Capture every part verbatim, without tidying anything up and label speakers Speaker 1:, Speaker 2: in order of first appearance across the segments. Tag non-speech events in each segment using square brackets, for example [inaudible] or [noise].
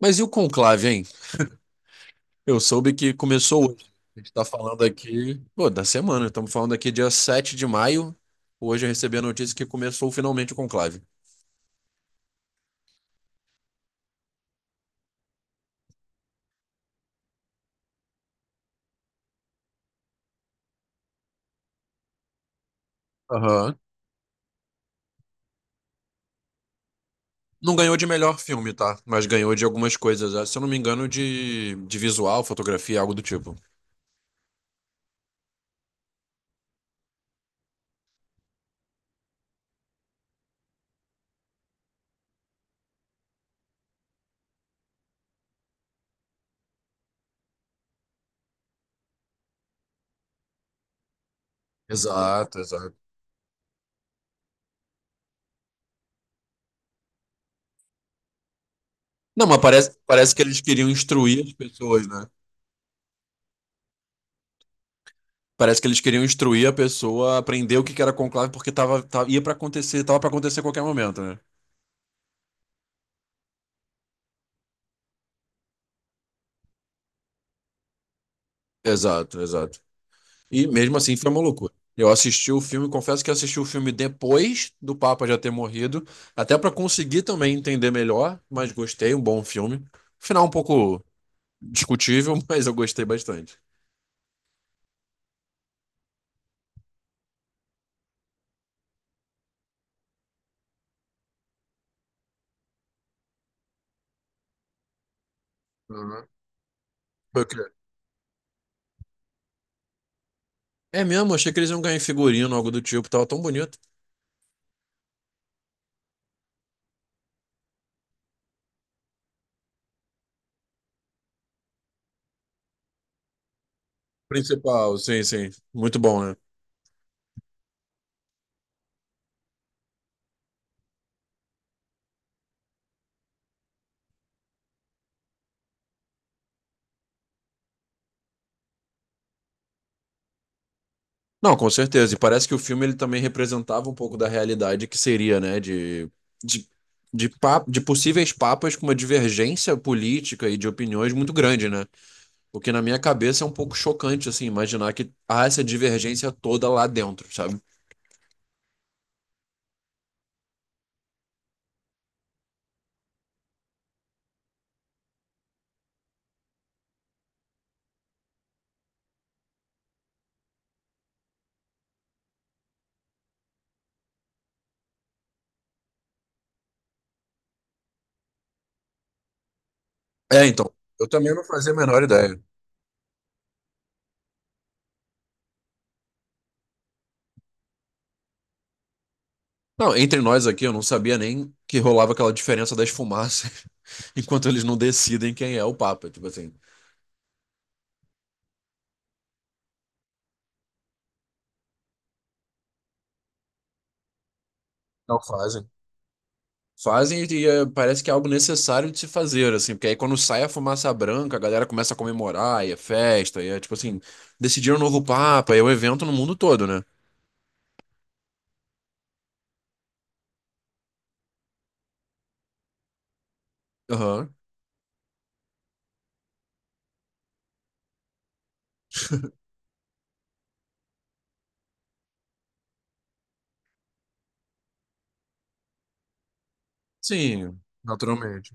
Speaker 1: Mas e o conclave, hein? Eu soube que começou hoje. A gente tá falando aqui, pô, da semana. Estamos falando aqui dia sete de maio. Hoje eu recebi a notícia que começou finalmente o conclave. Aham. Não ganhou de melhor filme, tá? Mas ganhou de algumas coisas, né? Se eu não me engano, de, de visual, fotografia, algo do tipo. Exato, exato. Não, mas parece, parece que eles queriam instruir as pessoas, né? Parece que eles queriam instruir a pessoa a aprender o que que era conclave, porque tava, tava- ia pra acontecer, tava pra acontecer a qualquer momento, né? Exato, exato. E mesmo assim foi uma loucura. Eu assisti o filme, confesso que assisti o filme depois do Papa já ter morrido, até para conseguir também entender melhor, mas gostei, um bom filme. Final um pouco discutível, [laughs] mas eu gostei bastante. Uhum. Foi o quê? É mesmo, achei que eles iam ganhar em figurino, algo do tipo, tava tão bonito. Principal, sim, sim. Muito bom, né? Não, com certeza. E parece que o filme ele também representava um pouco da realidade que seria, né, de, de, de, pa- de possíveis papas com uma divergência política e de opiniões muito grande, né? O que na minha cabeça é um pouco chocante, assim, imaginar que há essa divergência toda lá dentro, sabe? É, então, eu também não fazia a menor ideia. Não, entre nós aqui, eu não sabia nem que rolava aquela diferença das fumaças [laughs] enquanto eles não decidem quem é o papa, tipo assim. Não fazem. Fazem e é, parece que é algo necessário de se fazer, assim, porque aí quando sai a fumaça branca, a galera começa a comemorar, e é festa, e é tipo assim, decidiram um novo papa, e é um evento no mundo todo, né? Aham. Sim, naturalmente.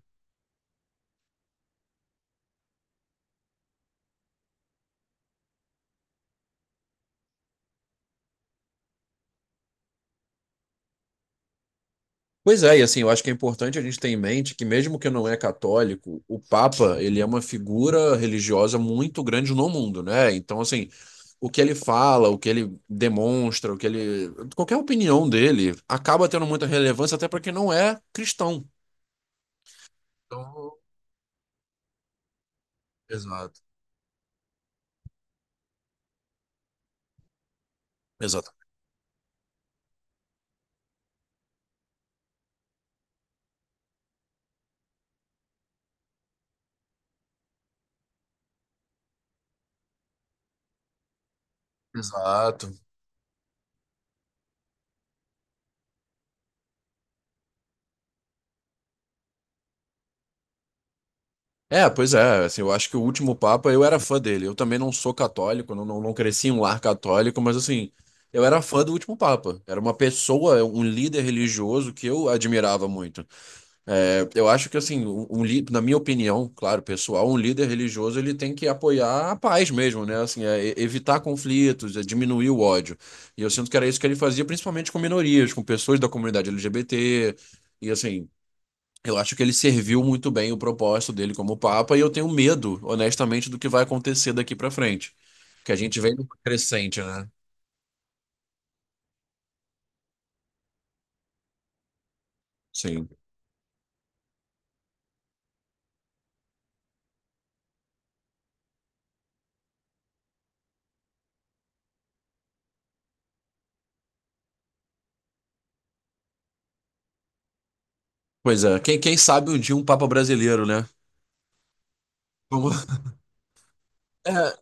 Speaker 1: Pois é, e assim, eu acho que é importante a gente ter em mente que mesmo que não é católico, o Papa, ele é uma figura religiosa muito grande no mundo, né? Então, assim, o que ele fala, o que ele demonstra, o que ele, qualquer opinião dele acaba tendo muita relevância até para quem não é cristão. Então, exato, exato, exato. É, pois é, assim, eu acho que o último Papa, eu era fã dele. Eu também não sou católico, não, não, não cresci em um lar católico, mas assim, eu era fã do último Papa. Era uma pessoa, um líder religioso que eu admirava muito. É, eu acho que, assim, um, um lí- na minha opinião, claro, pessoal, um líder religioso, ele tem que apoiar a paz mesmo, né? Assim, é, e- evitar conflitos, é diminuir o ódio. E eu sinto que era isso que ele fazia, principalmente com minorias, com pessoas da comunidade L G B T, e assim... Eu acho que ele serviu muito bem o propósito dele como Papa e eu tenho medo, honestamente, do que vai acontecer daqui para frente. Que a gente vem numa crescente, né? Sim. Pois é, quem, quem sabe um dia um Papa brasileiro, né? Vamos- [laughs] É,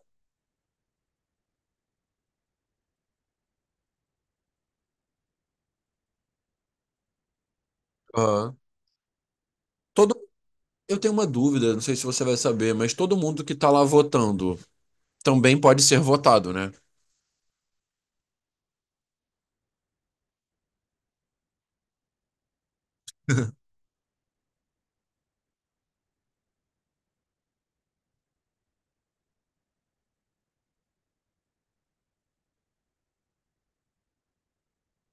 Speaker 1: ah, todo, eu tenho uma dúvida, não sei se você vai saber, mas todo mundo que tá lá votando também pode ser votado, né?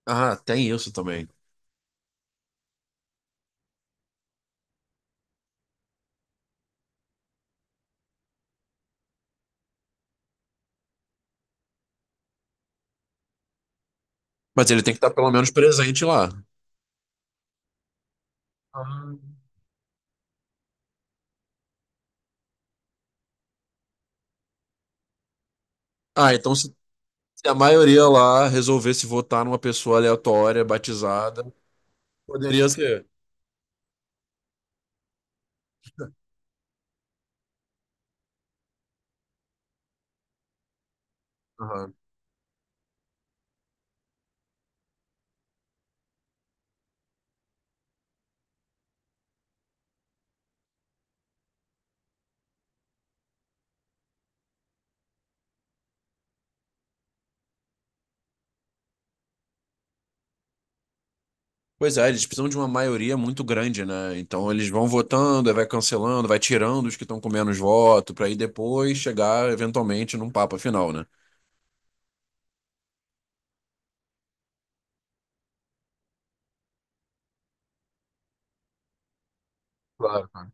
Speaker 1: Ah, tem isso também. Mas ele tem que estar pelo menos presente lá. Ah, ah, então se se a maioria lá resolvesse votar numa pessoa aleatória, batizada. Poderia ser. Aham. Pois é, eles precisam de uma maioria muito grande, né? Então eles vão votando, aí vai cancelando, vai tirando os que estão com menos voto, para aí depois chegar eventualmente num papo final, né? Claro.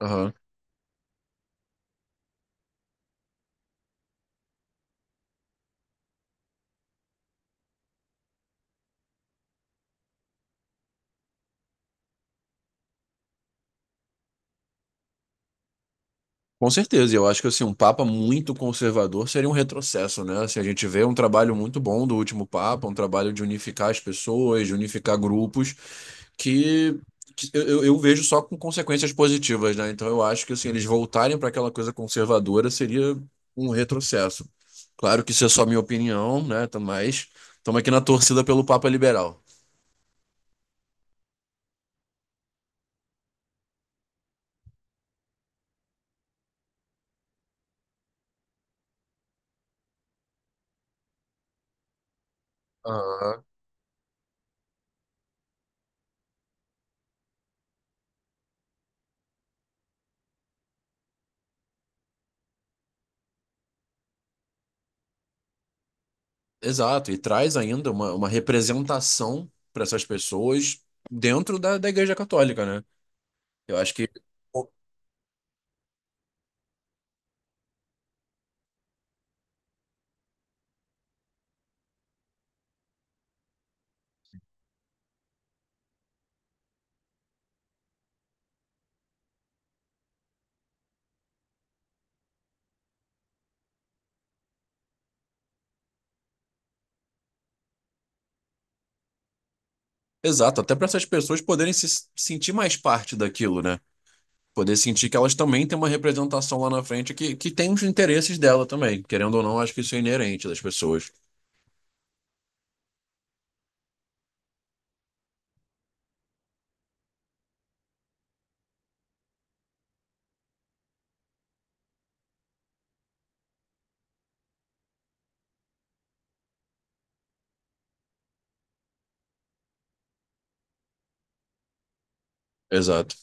Speaker 1: Aham. Com certeza, e eu acho que assim, um Papa muito conservador seria um retrocesso, né? Assim, a gente vê um trabalho muito bom do último Papa, um trabalho de unificar as pessoas, de unificar grupos, que, que eu, eu eu vejo só com consequências positivas, né? Então eu acho que assim, eles voltarem para aquela coisa conservadora seria um retrocesso. Claro que isso é só minha opinião, né? Tá- Mas estamos aqui na torcida pelo Papa liberal. Aham. Exato, e traz ainda uma, uma representação para essas pessoas dentro da, da Igreja Católica, né? Eu acho que. Exato, até para essas pessoas poderem se sentir mais parte daquilo, né? Poder sentir que elas também têm uma representação lá na frente que, que tem os interesses dela também. Querendo ou não, acho que isso é inerente das pessoas. Exato.